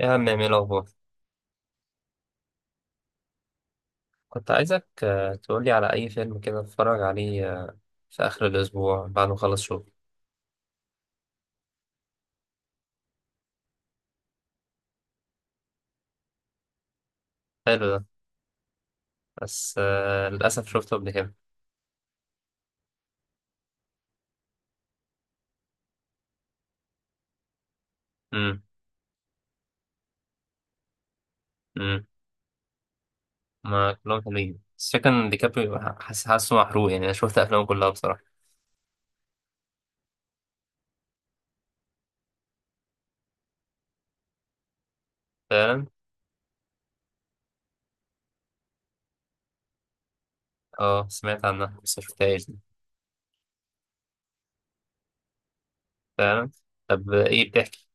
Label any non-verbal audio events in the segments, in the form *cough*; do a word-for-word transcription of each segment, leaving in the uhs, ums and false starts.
يا عم، ايه الأخبار؟ كنت عايزك آه، تقولي على أي فيلم كده أتفرج عليه آه، في آخر الأسبوع بعد ما أخلص شغل. حلو ده، بس آه، للأسف شفته قبل كده. أمم. أمم. ما كلهم حلوين، بس فكرة إن ديكابريو ح- حاسس حاسه محروق، يعني أنا شفت أفلامه كلها بصراحة. فعلا. أه، سمعت عنها بس مشفتهاش دي. فعلا. طب، آه، إيه بتحكي؟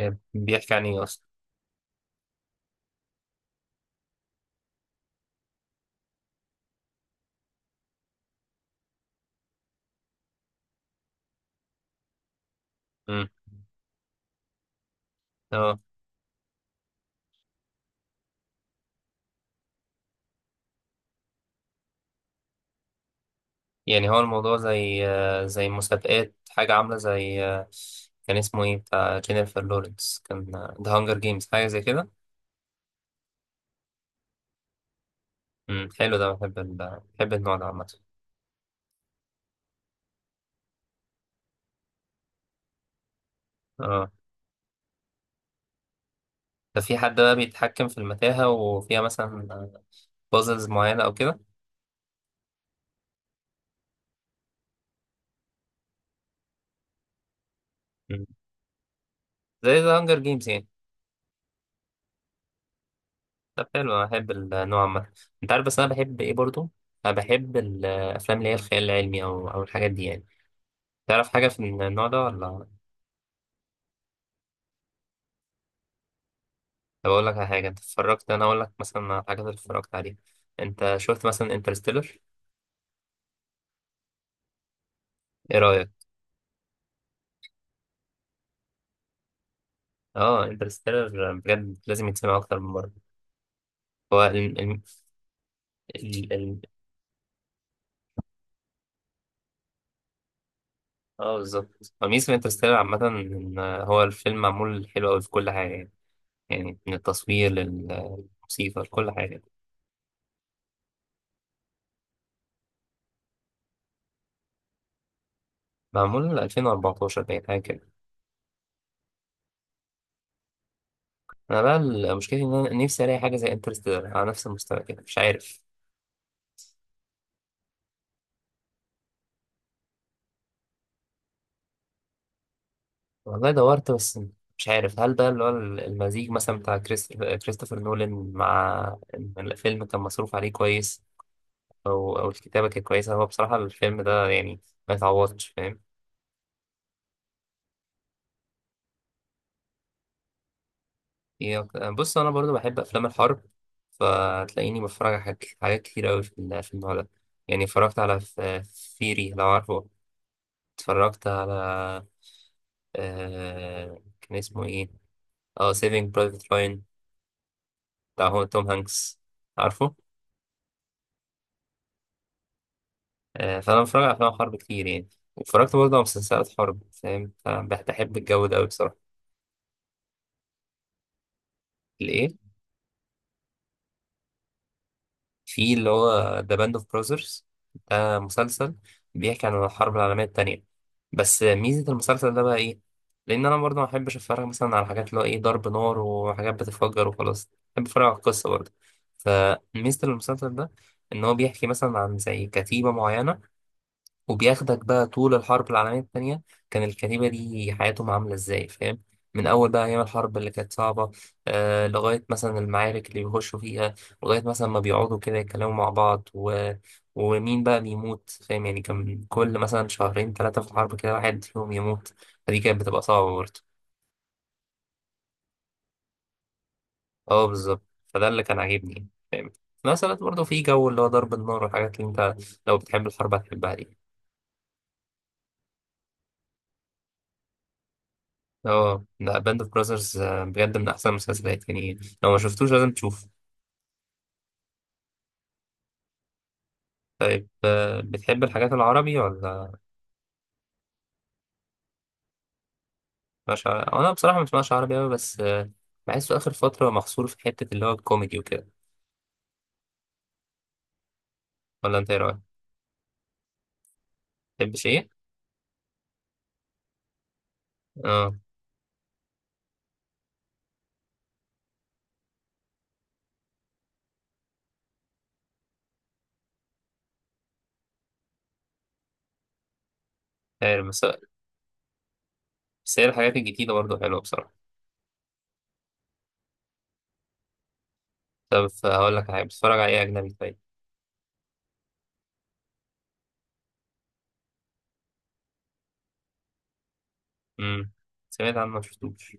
آه، بيحكي عن إيه أصلا؟ أمم. آه. يعني هو الموضوع زي آه، زي مسابقات، حاجة عاملة زي آه، كان اسمه ايه، بتاع جينيفر لورنس، كان ذا هانجر جيمز، حاجة زي كده. امم، حلو ده. بحب ال... بحب النوع ده عامة. اه. ده في حد بقى بيتحكم في المتاهة، وفيها مثلا بازلز معينة أو كده. مم. زي ذا هانجر جيمز يعني. طب حلو، أنا بحب النوع عامة. أنت عارف، بس أنا بحب ايه برضو؟ أنا بحب الأفلام اللي هي الخيال العلمي، أو أو الحاجات دي يعني. تعرف حاجة في النوع ده ولا؟ طب اقول لك على حاجه انت اتفرجت، انا اقول لك مثلا على الحاجات اللي اتفرجت عليها. انت شفت مثلا انترستيلر؟ ايه رايك؟ اه، انترستيلر بجد لازم يتسمع اكتر من مره. هو ال ال ال ال اه بالظبط، ميزه انترستيلر عامه ان هو الفيلم معمول حلو قوي في كل حاجه يعني. يعني من التصوير للموسيقى، لكل حاجه. معمول ألفين وأربعتاشر باين، حاجه كده. انا بقى المشكله ان انا نفسي الاقي حاجه زي انترستيلر على نفس المستوى كده، مش عارف. والله دورت، بس مش عارف هل ده اللي هو المزيج مثلا بتاع كريست- كريستوفر نولان، مع إن الفيلم كان مصروف عليه كويس، او او الكتابه كانت كويسه. هو بصراحه الفيلم ده يعني ما يتعوضش، فاهم. إيه، أك- بص انا برضو بحب افلام الحرب، فتلاقيني بتفرج على حاجات حاجات كتير قوي في ال- في النوع ده. يعني اتفرجت على فيري، لو عارفه. اتفرجت على آه كان اسمه ايه، اه سيفينج برايفت راين، بتاع هو توم هانكس. عارفه؟ آه، فأنا بتفرج على أفلام حرب كتير يعني، واتفرجت برضه على مسلسلات حرب، فاهم، فبحب الجو ده أوي بصراحة. الإيه؟ في اللي هو ذا باند أوف براذرز، ده مسلسل بيحكي عن الحرب العالمية التانية. بس ميزة المسلسل ده بقى إيه؟ لأن أنا برضه ما بحبش أتفرج مثلا على حاجات اللي هو إيه، ضرب نار وحاجات بتتفجر وخلاص. بحب أتفرج على القصة برضه. فميزة المسلسل ده، إن هو بيحكي مثلا عن زي كتيبة معينة، وبياخدك بقى طول الحرب العالمية التانية. كان الكتيبة دي حياتهم عاملة ازاي، فاهم. من أول بقى أيام الحرب اللي كانت صعبة، آه لغاية مثلا المعارك اللي بيخشوا فيها، لغاية مثلا ما بيقعدوا كده يتكلموا مع بعض، و... ومين بقى بيموت، فاهم. يعني كان كل مثلا شهرين ثلاثة في الحرب كده واحد فيهم يموت، فدي كانت بتبقى صعبة برضه. اه بالظبط، فده اللي كان عاجبني يعني، فاهم. في نفس الوقت برضه في جو اللي هو ضرب النار والحاجات اللي انت، لو بتحب الحرب هتحبها دي. اه، لا باند اوف براذرز بجد من احسن المسلسلات يعني، لو ما شفتوش لازم تشوف. طيب، آه، بتحب الحاجات العربي ولا؟ مش عربي؟ انا بصراحه ما بسمعش عربي قوي، بس آه، بحسه اخر فتره محصور في حته اللي هو الكوميدي وكده. ولا انت ايه رايك؟ بتحبش ايه؟ اه عارف، بس بس هي الحاجات الجديده برضه حلوه بصراحه. طب هقول لك حاجه، بتتفرج على ايه اجنبي طيب؟ امم. سمعت عنه، ما شفتوش.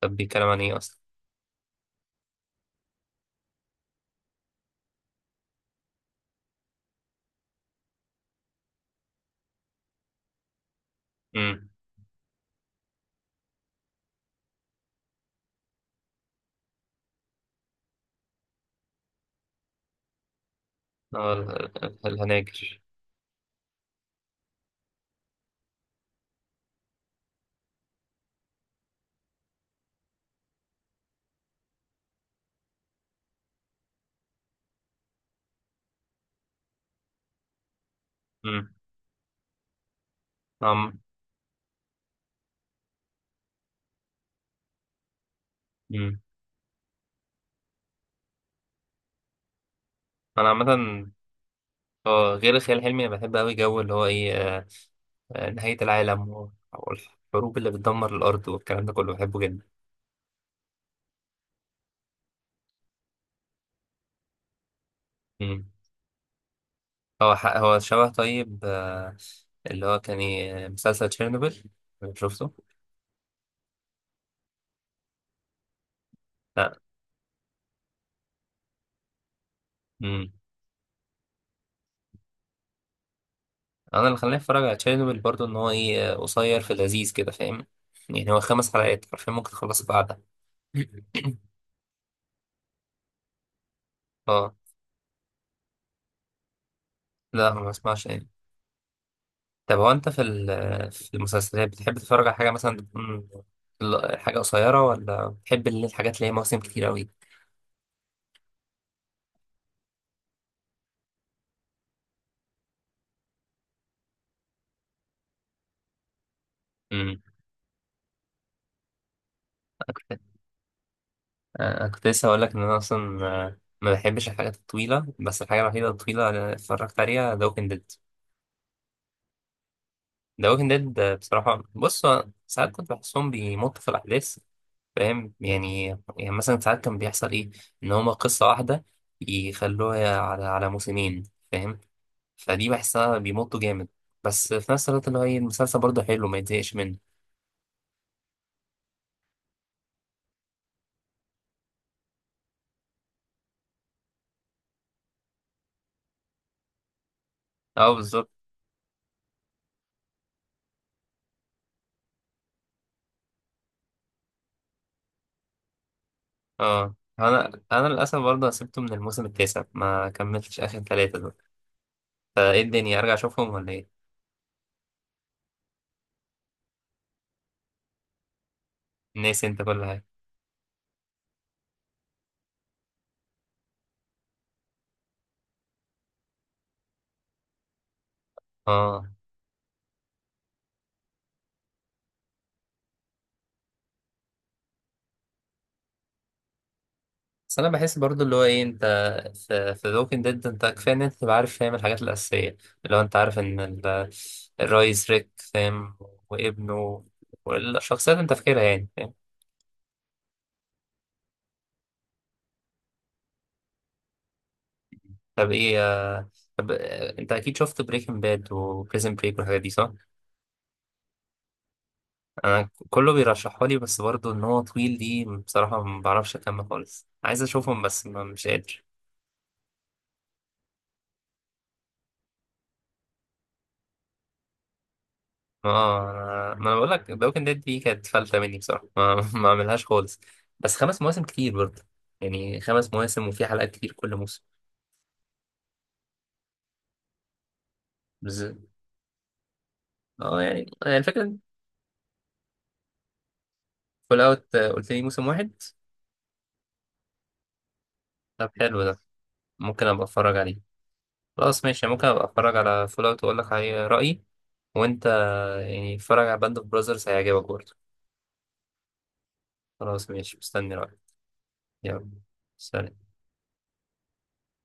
طب بيتكلم عن ايه اصلا؟ امم. اه، ال- ال- الهناجر. امم. نعم. امم. انا عامه، اه غير الخيال العلمي انا بحب قوي جو اللي هو ايه آه، آه، نهاية العالم، و- والحروب اللي بتدمر الارض والكلام ده كله بحبه جدا. مم. هو ح- هو شبه طيب، آه، اللي هو كان إيه، مسلسل تشيرنوبل. شفته؟ لا. مم. انا اللي خلاني اتفرج على تشيرنوبل برضو ان هو ايه، آه، قصير في لذيذ كده، فاهم. يعني هو خمس حلقات حرفيا ممكن تخلص بعدها. *coughs* *laughs* اه، لا ما بسمعش يعني. طب هو انت في ال- في المسلسلات بتحب تتفرج على حاجه مثلا تكون ال- حاجه قصيره، ولا بتحب اللي- الحاجات اللي هي مواسم كتير قوي؟ امم. انا كنت، أنا كنت لسه هقول لك ان انا اصلا آه، ما بحبش الحاجات الطويله، بس الحاجه الوحيده الطويله اللي اتفرجت عليها ذا ووكينج ديد. ذا ووكينج ديد بصراحه، بص هو ساعات كنت بحسهم بيمطوا في الاحداث، فاهم يعني. يعني مثلا ساعات كان بيحصل ايه، ان هما قصه واحده يخلوها على على موسمين، فاهم. فدي بحسها بيمطوا جامد. بس في نفس الوقت اللي هو ايه، المسلسل برضه حلو ما يتزهقش منه. اه بالظبط. اه، انا انا للاسف برضه سبته من الموسم التاسع، ما كملتش اخر ثلاثة دول. فايه الدنيا، ارجع اشوفهم ولا ايه؟ ناسي انت كل حاجة. اه بس انا بحس برضه اللي هو ايه انت، في في ووكينج ديد انت كفايه ان انت تبقى عارف، فاهم، الحاجات الاساسيه، اللي هو انت عارف ان ال- الرئيس ريك فاهم، وابنه، والشخصيات انت فاكرها يعني. طب ايه، آه، طب آه، انت اكيد شفت بريكنج باد وبريزن بريك والحاجات دي صح؟ انا كله بيرشحها لي، بس برضه ان هو طويل دي بصراحة، ما بعرفش اكمل خالص، عايز اشوفهم بس ما مش قادر. ما انا ما انا بقول لك، بريكنج باد دي كانت فلتة مني بصراحة، ما *laughs* ما اعملهاش خالص. بس خمس مواسم كتير برضه، يعني خمس مواسم وفي حلقات كتير كل موسم. بز... اه يعني، يعني الفكرة. فول اوت قلت لي موسم واحد؟ طب حلو ده، ممكن ابقى اتفرج عليه. خلاص ماشي، ممكن ابقى اتفرج على فول اوت واقول لك عليه رأيي. وانت يعني اتفرج على باند اوف براذرز، هيعجبك برضه. خلاص ماشي، مستني رأيك. يلا. سلام.